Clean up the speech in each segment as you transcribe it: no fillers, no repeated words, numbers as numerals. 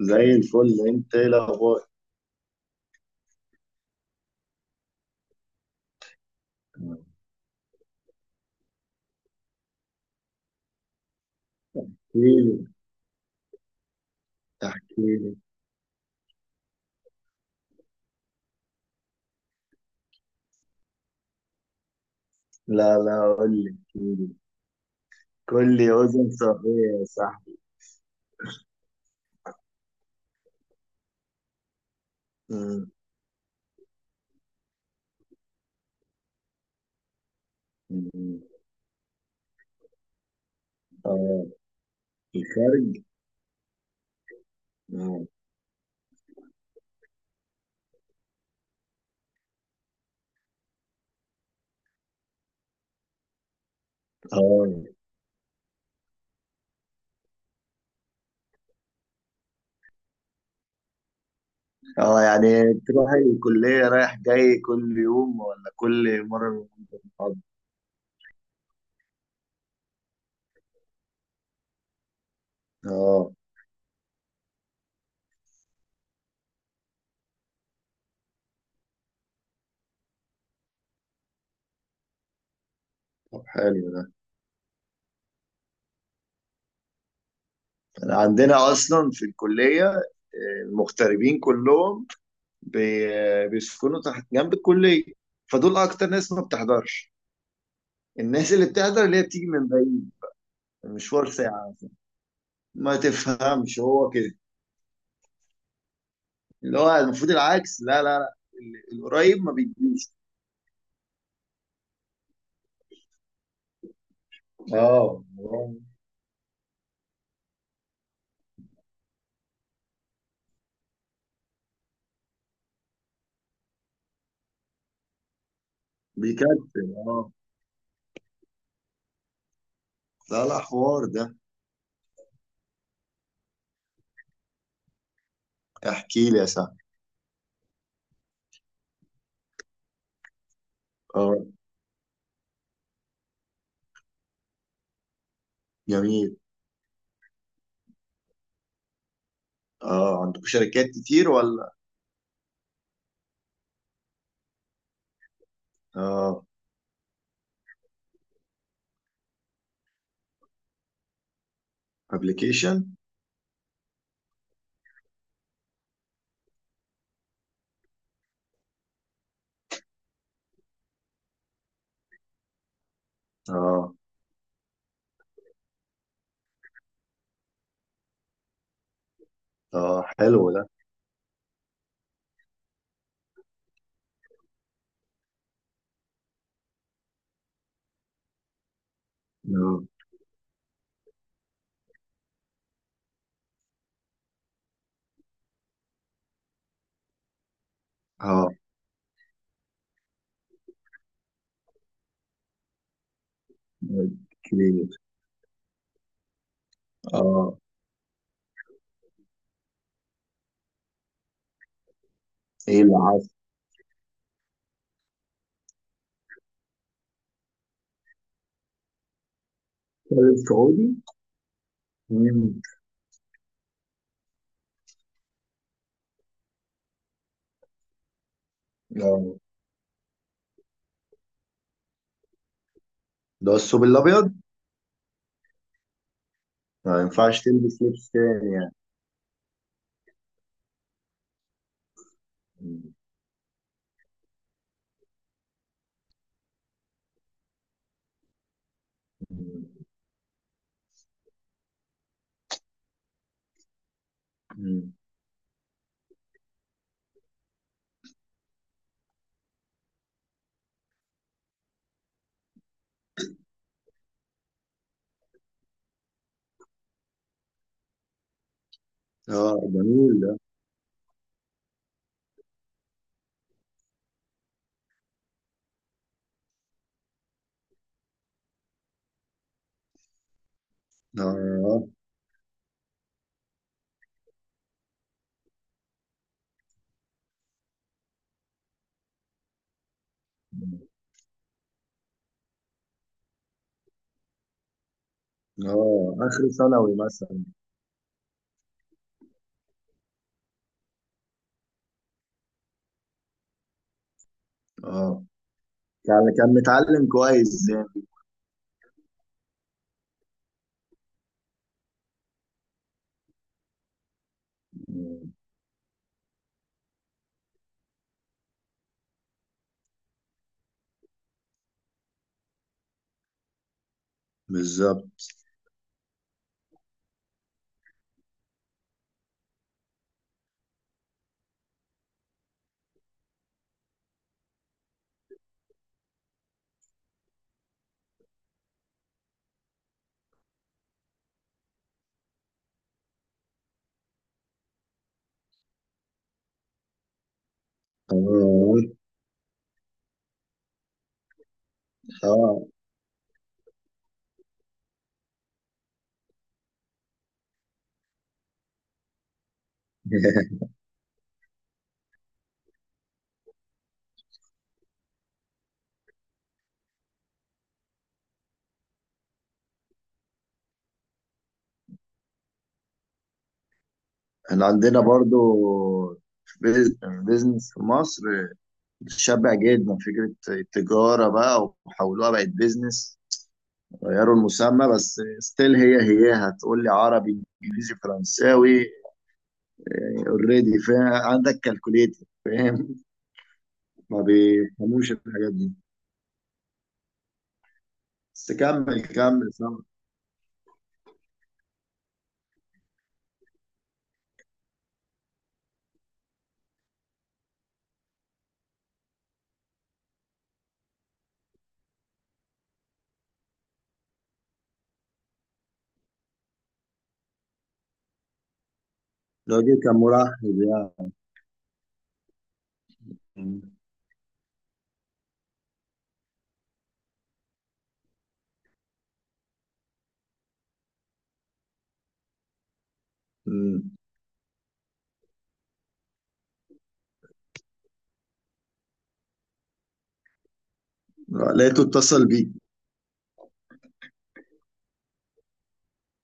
زي الفل، انت ايه الاخبار؟ احكيلي. احكيلي. لا لا، قول لي احكيلي. كل اذن صغير يا صاحبي. مم. مم. اه. الخارج. مم. اه. اه، يعني تروح الكلية رايح جاي كل يوم ولا كل مرة؟ اه. طب حلو ده. أنا عندنا اصلا في الكلية آه، المغتربين كلهم بيسكنوا تحت جنب الكلية. فدول اكتر ناس ما بتحضرش. الناس اللي بتحضر اللي هي بتيجي من بعيد. مشوار ساعة. ما تفهمش، هو كده. اللي هو المفروض العكس. لا لا لا، القريب ما بيجيش. اه آه. بيكتب. اه. لا لا، حوار ده. احكي لي يا صاحبي. اه جميل. اه، عندكم شركات كتير ولا؟ اه. ابلكيشن. اه. اه حلو ده. اه. اه كتير. اه. ايه اللي عايز. تتكلم سعودي. مم. اه، ده الثوب الابيض؟ ما ينفعش تلبس لبس تاني يعني؟ مم. مم. اه جميل ده. اه. اه، اخر ثانوي مثلا؟ اه، يعني كان متعلم كويس يعني؟ مم. بالظبط. اه. اه، احنا عندنا برضو بيز- بيزنس في مصر. شبع جدا فكرة التجارة بقى وحولوها بقت بيزنس. غيروا المسمى، بس ستيل هي هي، هتقول لي عربي انجليزي فرنساوي، اوريدي، عندك كالكوليتر، فاهم؟ ما بيفهموش الحاجات دي. بس كمل كمل، سامع. الراجل كان مرحب يعني. مم. آه، لقيته اتصل بيك؟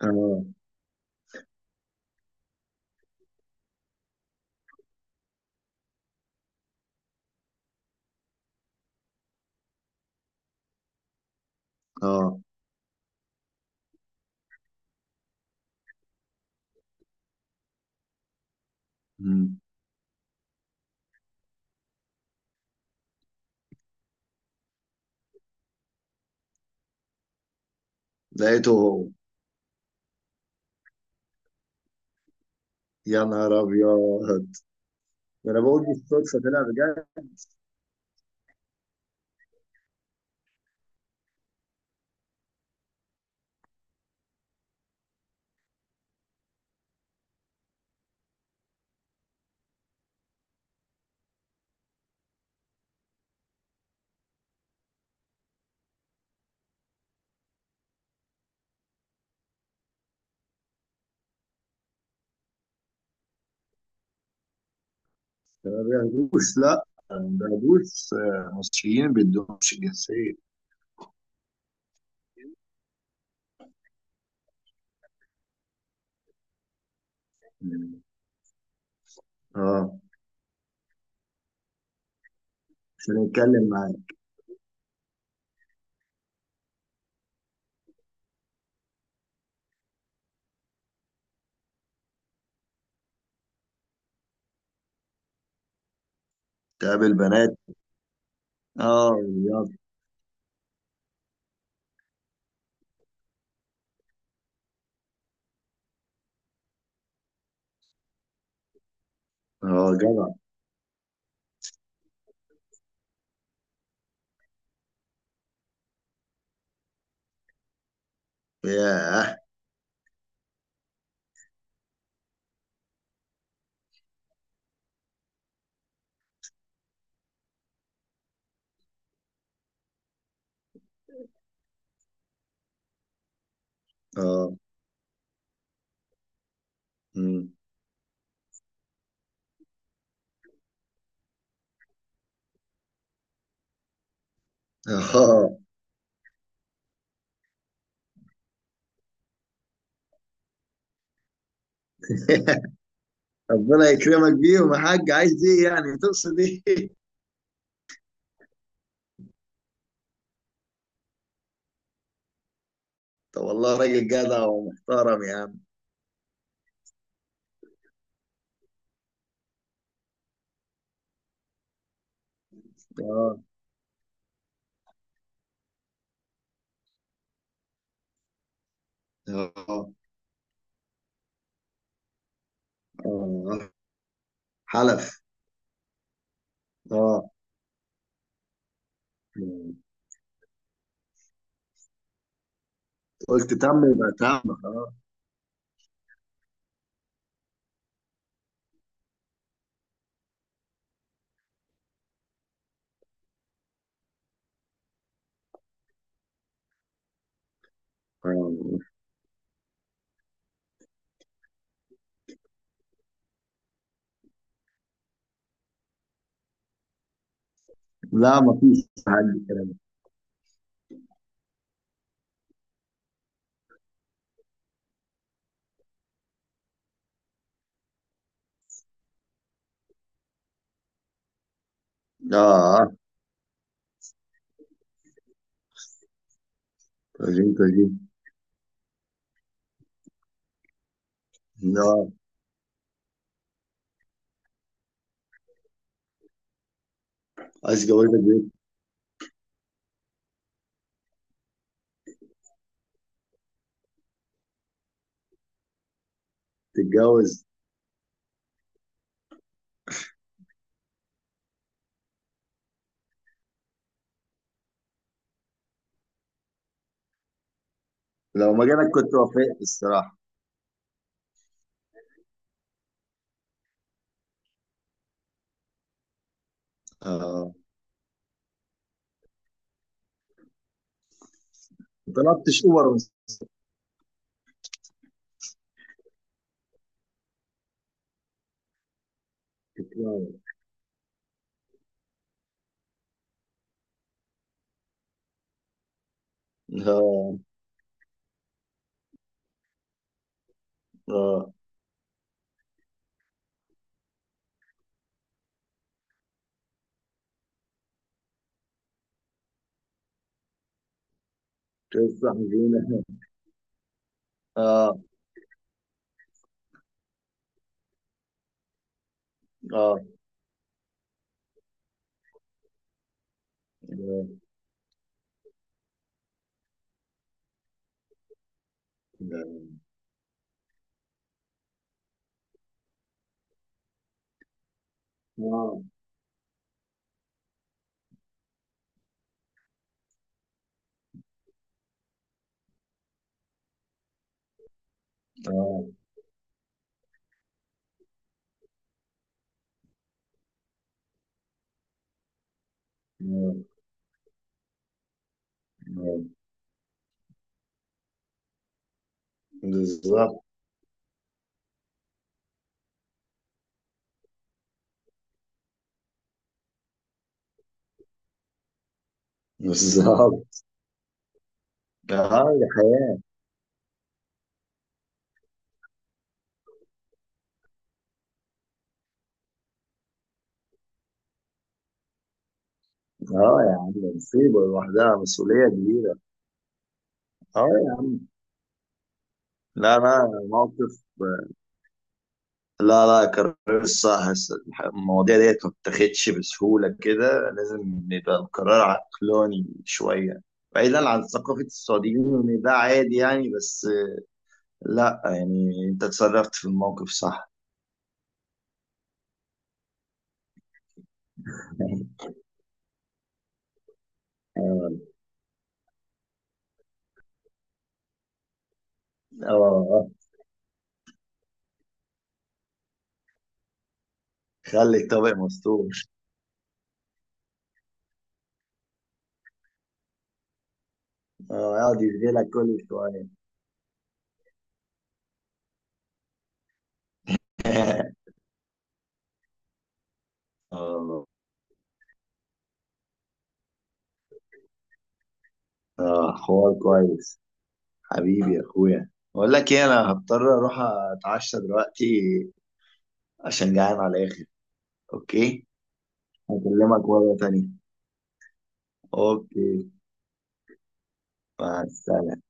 اه. اه. مم. لقيته هو. يا نهار ابيض. ده انا بقول بالصدفه طلع بجد. ما بياخدوش، لا. ما بياخدوش آه، مصريين ما بيدوهمش الجنسيه. مم. اه، عشان يتكلم معاك. تقابل بنات. اه يلا. اه جدع. ياه. اه. مم. اه. ربنا يكرمك بيهم يا حاج. عايز ايه يعني، تقصد ايه؟ طب والله راجل جدع ومحترم يا عم. اه. اه. اه. حلف. اه. مم. قلت تم يبقى تم، اه. آه. لا ما فيش حاجة كلام. اه. تجيب تجيب. اه عايز جوازك بيه. تتجوز. لو ما جالك كنت وافقت الصراحة. اه. ما طلبتش اوبر من. اه. اه. قصة حزينة. اه. آه، آه، آه، آه. بالظبط. بالظبط. اه دي حياة. اه يا عم، مصيبة لوحدها، مسؤولية كبيرة. اه يا عم. لا لا موقف. لا لا قرار الصح. المواضيع ديت ما بتاخدش بسهولة كده، لازم نبقى القرار عقلاني شوية، بعيدا عن ثقافة السعوديين ان ده عادي يعني. بس لا يعني، انت اتصرفت في الموقف صح. اه. اه. خلي الطبق مستور. اه يقعد يشغلك كل شويه. اه. اه حوار كويس. حبيبي يا اخويا، بقول لك ايه، انا هضطر اروح اتعشى دلوقتي عشان جعان على الاخر. اوكي. هكلمك مره تانية. اوكي. مع السلامه.